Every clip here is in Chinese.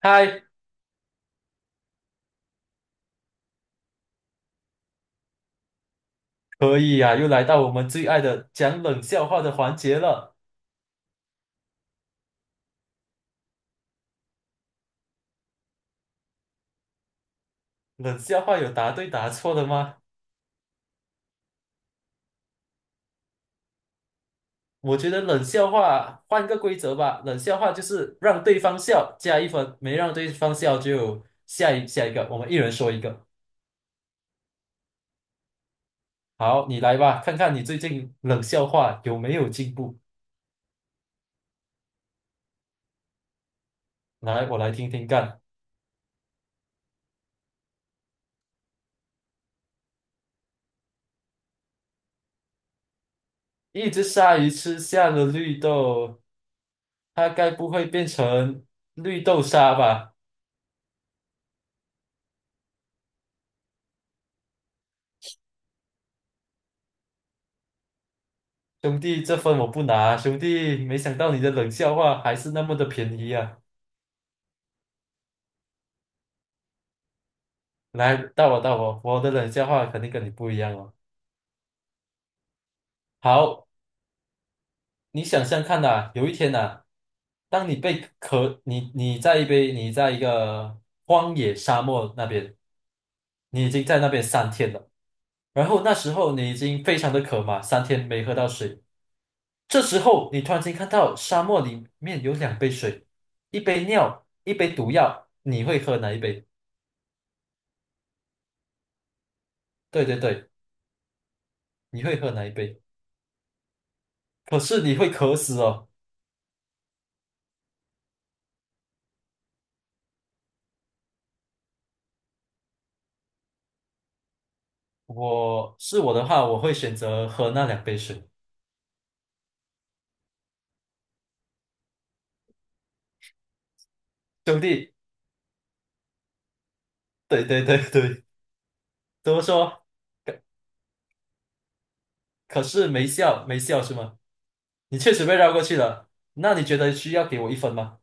嗨，可以呀、又来到我们最爱的讲冷笑话的环节了。冷笑话有答对答错的吗？我觉得冷笑话换个规则吧，冷笑话就是让对方笑加一分，没让对方笑就下一个，我们一人说一个。好，你来吧，看看你最近冷笑话有没有进步。来，我来听听看。一只鲨鱼吃下了绿豆，它该不会变成绿豆沙吧？兄弟，这分我不拿，兄弟，没想到你的冷笑话还是那么的便宜啊！来，到我到我，我的冷笑话肯定跟你不一样哦。好，你想象看呐、有一天呐、当你被渴，你在一个荒野沙漠那边，你已经在那边三天了，然后那时候你已经非常的渴嘛，三天没喝到水，这时候你突然间看到沙漠里面有两杯水，一杯尿，一杯毒药，你会喝哪一杯？对对对。你会喝哪一杯？可是你会渴死哦。我是我的话，我会选择喝那两杯水。兄弟，对对对对，怎么说？可可是没笑，没笑是吗？你确实被绕过去了。那你觉得需要给我一分吗？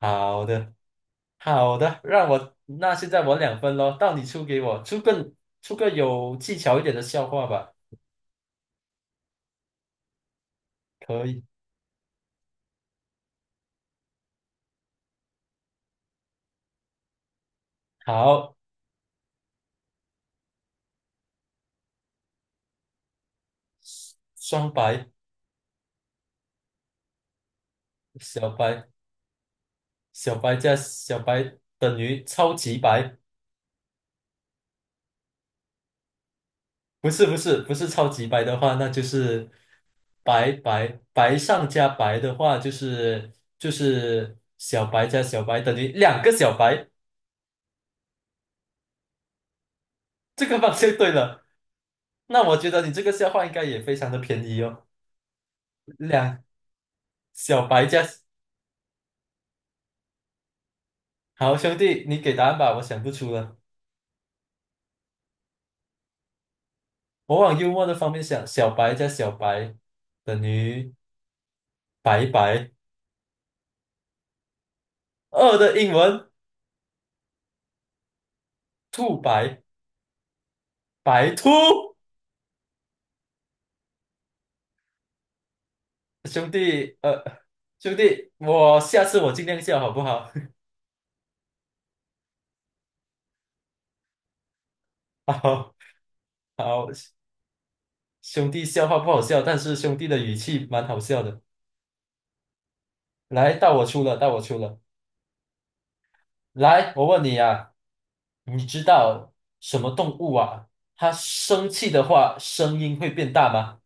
好的，好的，让我，那现在我2分咯，到你出给我，出个有技巧一点的笑话吧。可以，好，双白。小白，小白加小白等于超级白。不是不是不是超级白的话，那就是白白，白上加白的话，就是小白加小白等于两个小白，这个方向对了。那我觉得你这个笑话应该也非常的便宜哦，两小白加好兄弟，你给答案吧，我想不出了。我往幽默的方面想，小白加小白等于白白。二的英文兔白，白兔。兄弟，兄弟，我下次我尽量笑，好不好？好，好，兄弟，笑话不好笑，但是兄弟的语气蛮好笑的。来，到我出了，到我出了。来，我问你啊，你知道什么动物啊？它生气的话，声音会变大吗？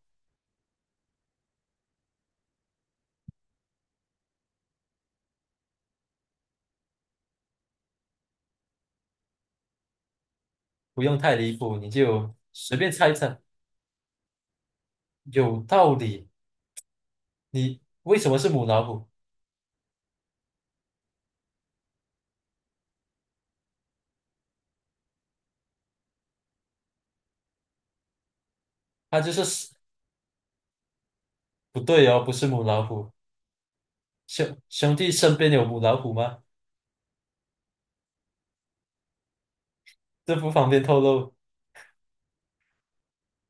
不用太离谱，你就随便猜一猜。有道理。你为什么是母老虎？它就是，不对哦，不是母老虎。兄弟身边有母老虎吗？这不方便透露。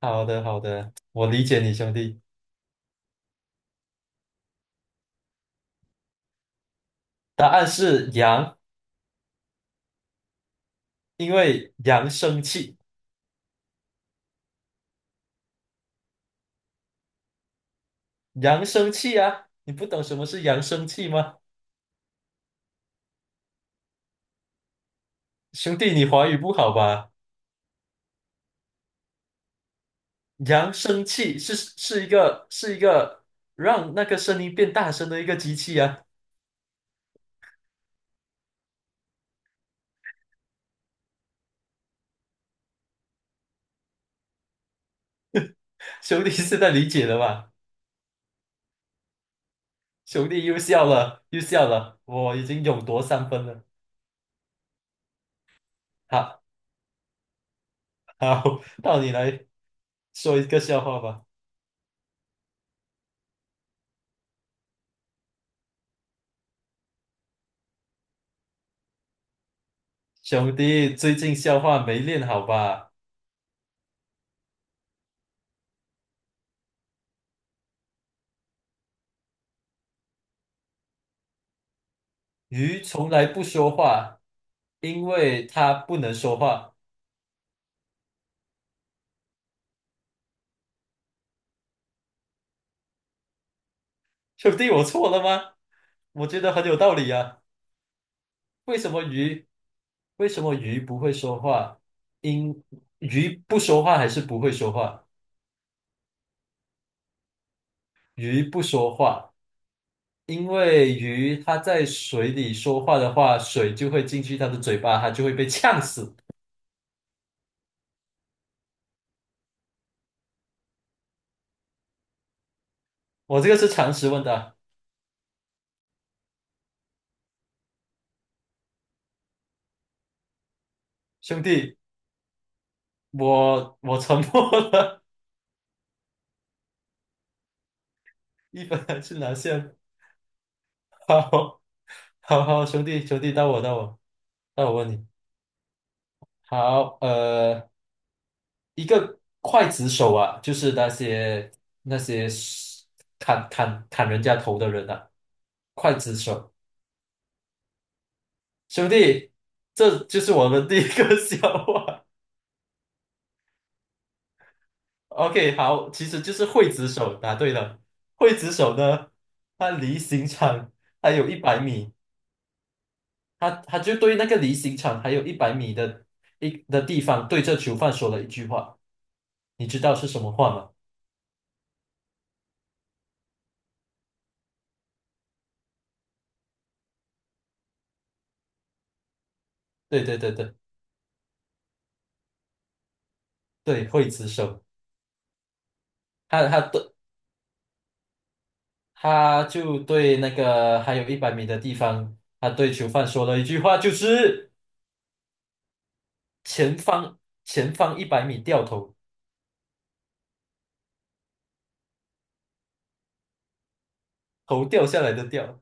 好的，好的，我理解你，兄弟。答案是羊，因为羊生气。羊生气啊！你不懂什么是羊生气吗？兄弟，你华语不好吧？羊生气是是一个是一个让那个声音变大声的一个机器啊！兄弟现在理解了吧？兄弟又笑了，又笑了，我已经勇夺3分了。好，好，到你来说一个笑话吧。兄弟，最近笑话没练好吧？鱼从来不说话，因为它不能说话。兄弟，我错了吗？我觉得很有道理啊。为什么鱼？为什么鱼不会说话？因鱼不说话还是不会说话？鱼不说话，因为鱼它在水里说话的话，水就会进去它的嘴巴，它就会被呛死。我这个是常识问的。兄弟，我沉默了，一分还是拿下。好，好好，兄弟，兄弟，到我，到我。那我问你，好，一个刽子手啊，就是那些那些砍人家头的人啊，刽子手，兄弟，这就是我们第一个 笑话。OK，好，其实就是刽子手，答对了。刽子手呢，他离刑场还有一百米，他就对那个离刑场还有一百米的一的地方，对着囚犯说了一句话，你知道是什么话吗？对对对对对，刽子手。他他对他就对那个还有一百米的地方，他对囚犯说了一句话，就是前方前方一百米掉头，头掉下来的掉。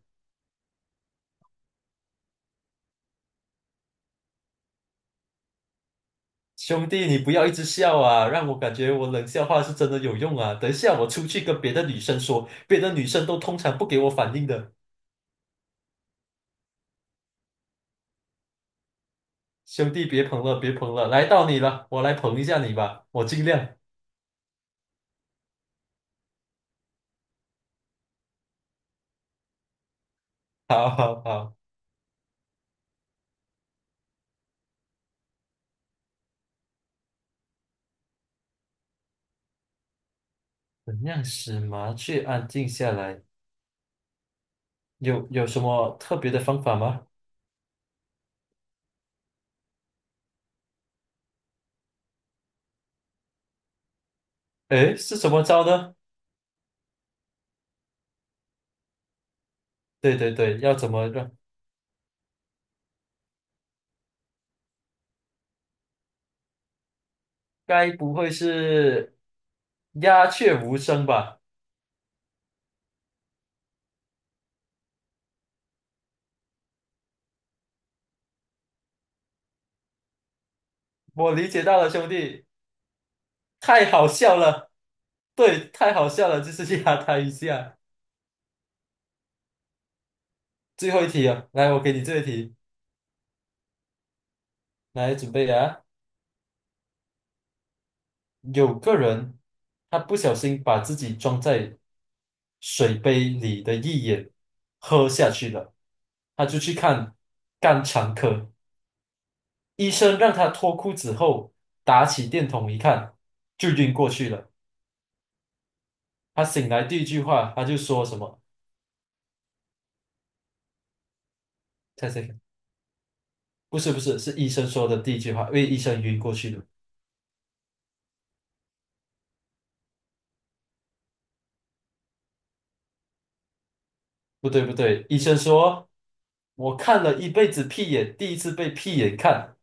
兄弟，你不要一直笑啊，让我感觉我冷笑话是真的有用啊。等一下我出去跟别的女生说，别的女生都通常不给我反应的。兄弟，别捧了，别捧了，来到你了，我来捧一下你吧，我尽量。好好好，怎样使麻雀安静下来？有什么特别的方法吗？诶，是怎么着呢？对对对，要怎么着？该不会是鸦雀无声吧？我理解到了，兄弟，太好笑了。对，太好笑了，就是 去压他一下。最后一题啊，来，我给你这一题，来准备啊。有个人他不小心把自己装在水杯里的一眼喝下去了，他就去看肝肠科。医生让他脱裤子后，打起电筒一看，就晕过去了。他醒来第一句话，他就说什么？猜猜看，不是不是，是医生说的第一句话，因为医生晕过去了。不对不对，医生说，我看了一辈子屁眼，第一次被屁眼看。